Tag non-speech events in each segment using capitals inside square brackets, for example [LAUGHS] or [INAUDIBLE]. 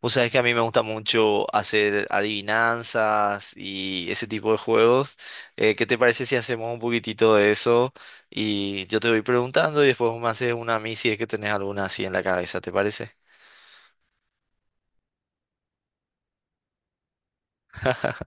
Vos sabés que a mí me gusta mucho hacer adivinanzas y ese tipo de juegos. ¿Qué te parece si hacemos un poquitito de eso? Y yo te voy preguntando y después vos me haces una a mí si es que tenés alguna así en la cabeza, ¿te parece?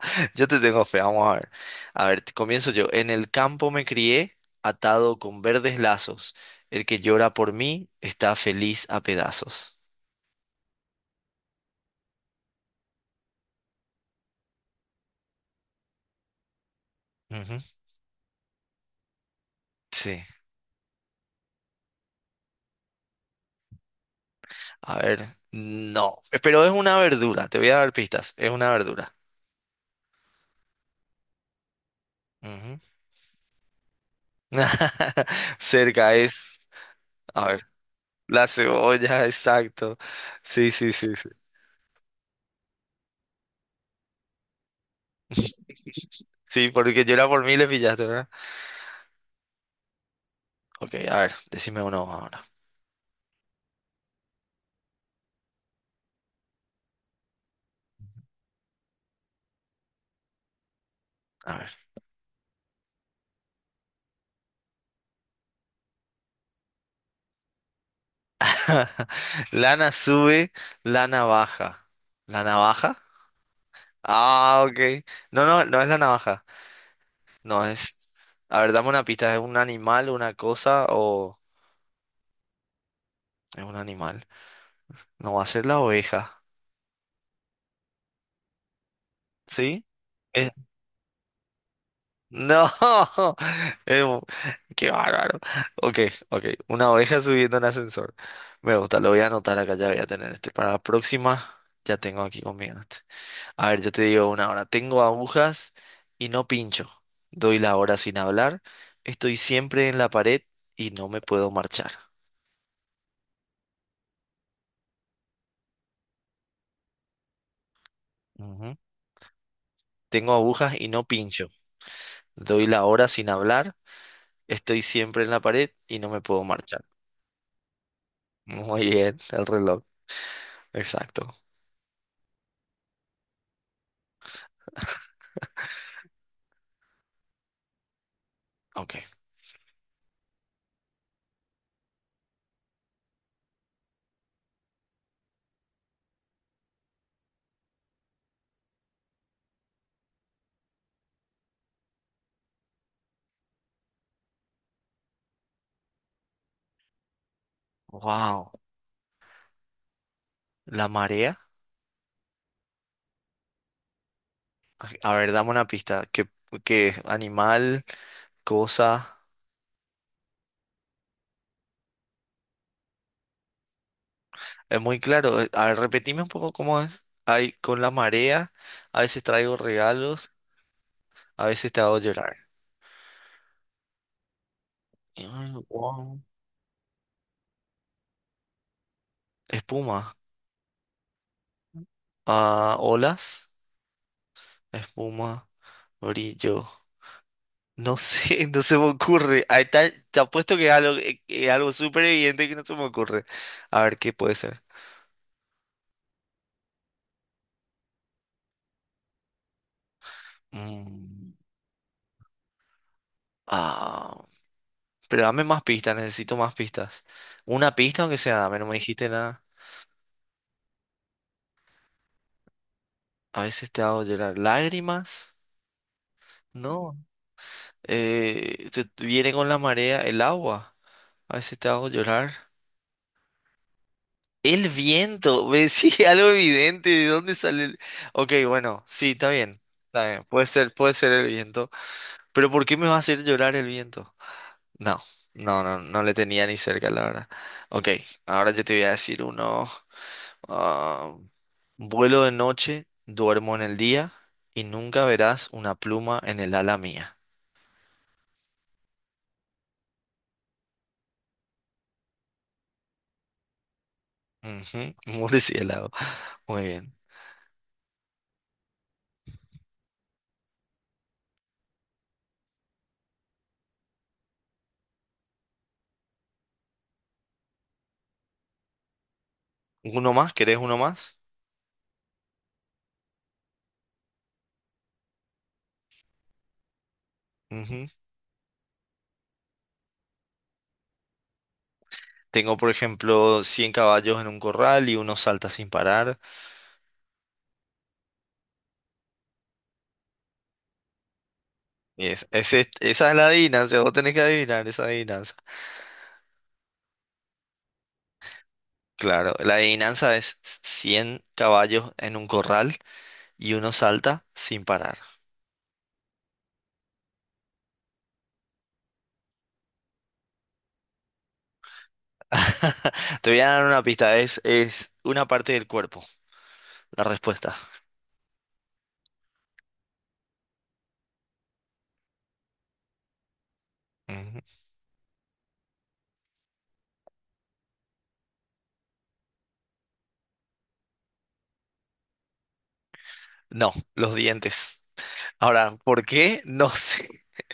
[LAUGHS] Yo te tengo fe, vamos a ver. A ver, comienzo yo. En el campo me crié, atado con verdes lazos. El que llora por mí está feliz a pedazos. Ujú. Sí. A ver, no. Pero es una verdura, te voy a dar pistas. Es una verdura. Ujú. [LAUGHS] Cerca es, a ver, la cebolla, exacto. Sí, sí, sí, sí. Sí, porque yo era por mí le pillaste, ¿verdad? Ok, a ver, decime uno ahora. A ver. [LAUGHS] Lana sube, lana baja. ¿La navaja? Ah, ok. No, no, no es la navaja. No es. A ver, dame una pista. ¿Es un animal, una cosa o es un animal? No va a ser la oveja. ¿Sí? No, [LAUGHS] es un, qué bárbaro. Ok, ok. Una oveja subiendo en ascensor. Me gusta, lo voy a anotar acá, ya voy a tener este. Para la próxima, ya tengo aquí conmigo este. A ver, yo te digo una hora. Tengo agujas y no pincho. Doy la hora sin hablar. Estoy siempre en la pared y no me puedo marchar. Ujú. Tengo agujas y no pincho. Doy la hora sin hablar. Estoy siempre en la pared y no me puedo marchar. Muy bien, el reloj. Exacto. Ok. Wow. La marea. A ver, dame una pista. ¿Qué animal, cosa? Es muy claro. A ver, repetime un poco cómo es. Hay con la marea, a veces traigo regalos, a veces te hago llorar. Ay, wow. Espuma. Ah, olas. Espuma. Brillo. No sé, [LAUGHS] no se me ocurre. Ahí está, te apuesto que es algo súper evidente que no se me ocurre. A ver, ¿qué puede ser? Mm, ah, Pero dame más pistas, necesito más pistas. Una pista, aunque sea, dame, no me dijiste nada. A veces te hago llorar. ¿Lágrimas? No. Te viene con la marea el agua. A veces te hago llorar. El viento. Ve [LAUGHS] Sí, algo evidente. ¿De dónde sale el...? Ok, bueno, sí, está bien. Está bien. Puede ser el viento. Pero ¿por qué me va a hacer llorar el viento? No, no, no, no le tenía ni cerca, la verdad. Ok, ahora yo te voy a decir uno. Ah, vuelo de noche, duermo en el día y nunca verás una pluma en el ala mía. Ujú, [LAUGHS] murciélago. Muy bien. ¿Uno más? ¿Querés uno más? Ujú. Tengo, por ejemplo, 100 caballos en un corral y uno salta sin parar. Y esa es la adivinanza, vos tenés que adivinar esa adivinanza. Claro, la adivinanza es 100 caballos en un corral y uno salta sin parar. [LAUGHS] Te voy a dar una pista, es una parte del cuerpo. La respuesta. Ujú. No, los dientes. Ahora, ¿por qué? No sé. [LAUGHS]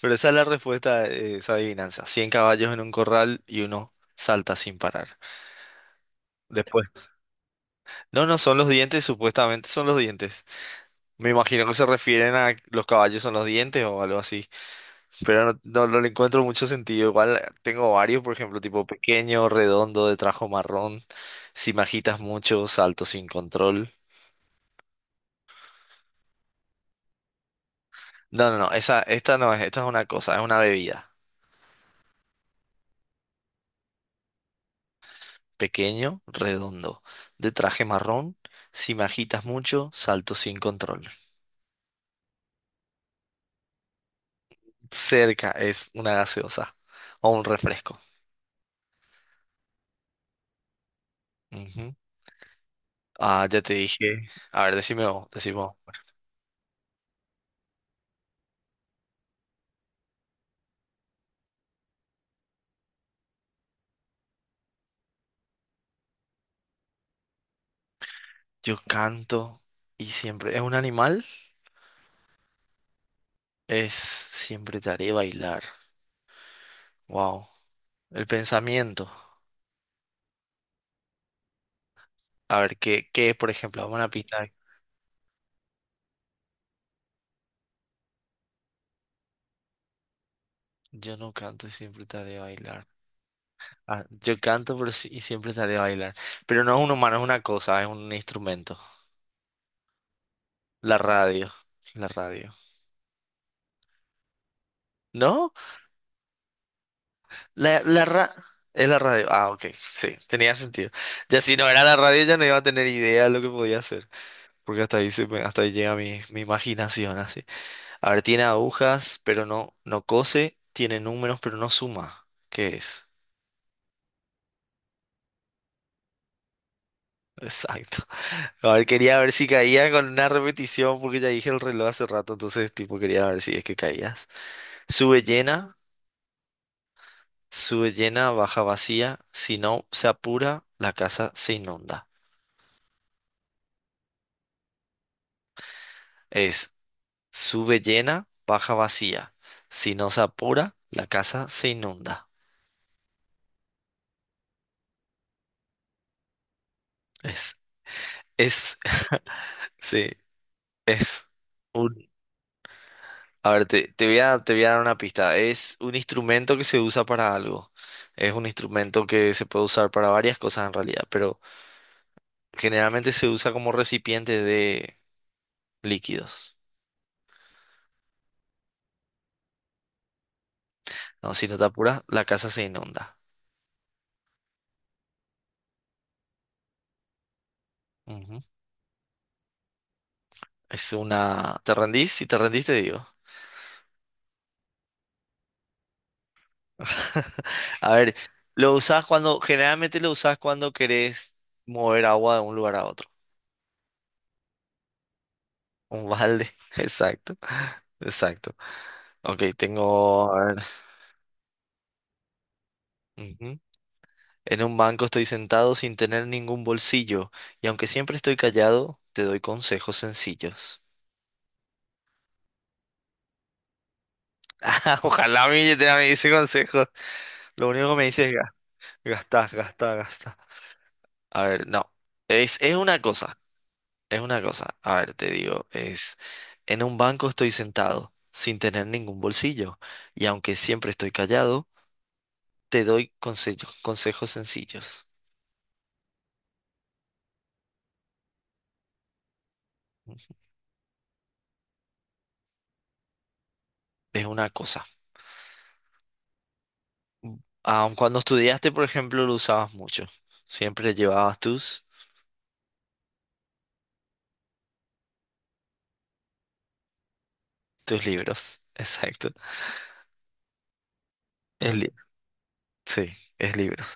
Pero esa es la respuesta de esa adivinanza. 100 caballos en un corral y uno salta sin parar. Después. No, no, son los dientes, supuestamente son los dientes. Me imagino que se refieren a los caballos son los dientes o algo así. Pero no, no, no le encuentro mucho sentido. Igual tengo varios, por ejemplo, tipo pequeño, redondo, de trajo marrón. Si me agitas mucho, salto sin control. No, no, no, esta no es, esta es una cosa, es una bebida. Pequeño, redondo, de traje marrón. Si me agitas mucho, salto sin control. Cerca es una gaseosa o un refresco. Ujú. Ah, ya te dije. A ver, decime vos, decime vos. Yo canto y siempre. ¿Es un animal? Es siempre te haré bailar. Wow. El pensamiento. A ver, ¿qué es, por ejemplo? Vamos a pintar. Yo no canto y siempre te haré bailar. Ah, yo canto pero y siempre te haré bailar. Pero no es un humano, es una cosa, es un instrumento. La radio, la radio. ¿No? La, la ra- Es la radio. Ah, ok, sí, tenía sentido. Ya si no era la radio ya no iba a tener idea de lo que podía hacer. Porque hasta ahí, hasta ahí llega mi imaginación, así. A ver, tiene agujas, pero no, no cose. Tiene números, pero no suma. ¿Qué es? Exacto. [LAUGHS] A ver, quería ver si caía con una repetición, porque ya dije el reloj hace rato, entonces, tipo, quería ver si es que caías. Sube llena. Sube llena, baja vacía, si no se apura, la casa se inunda. Es sube llena, baja vacía, si no se apura, la casa se inunda. Es, es, [LAUGHS] sí, es un... A ver, te voy a dar una pista. Es un instrumento que se usa para algo. Es un instrumento que se puede usar para varias cosas en realidad, pero generalmente se usa como recipiente de líquidos. No, si no te apuras, la casa se inunda. Ujú. Es una... ¿Te rendís? Si te rendís, te digo. [LAUGHS] A ver, lo usás cuando... Generalmente lo usás cuando querés mover agua de un lugar a otro. Un balde. [LAUGHS] Exacto. Exacto. Ok, tengo... a ver, ujú. En un banco estoy sentado sin tener ningún bolsillo. Y aunque siempre estoy callado, te doy consejos sencillos. [LAUGHS] Ojalá mi billetera me dice consejos. Lo único que me dice es gastar, gastar, gastar. A ver, no. Es una cosa. Es una cosa, a ver, te digo, en un banco estoy sentado, sin tener ningún bolsillo, y aunque siempre estoy callado, te doy consejos, consejos sencillos. Es una cosa. Aun cuando estudiaste, por ejemplo, lo usabas mucho. Siempre llevabas tus libros. [LAUGHS] Exacto. Es li- sí, es libros.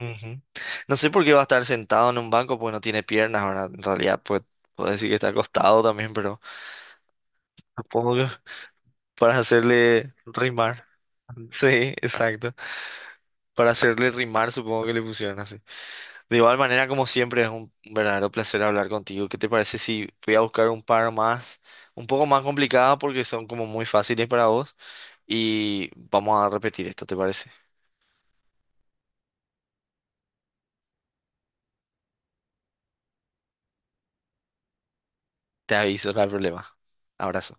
Ujú. No sé por qué va a estar sentado en un banco porque no tiene piernas, ¿verdad? En realidad, pues, puedo decir que está acostado también, pero supongo que para hacerle rimar. Sí, exacto. Para hacerle rimar, supongo que le pusieron así. De igual manera, como siempre, es un verdadero placer hablar contigo. ¿Qué te parece si voy a buscar un par más, un poco más complicadas porque son como muy fáciles para vos? Y vamos a repetir esto, ¿te parece? Te aviso, no hay problema. Abrazo.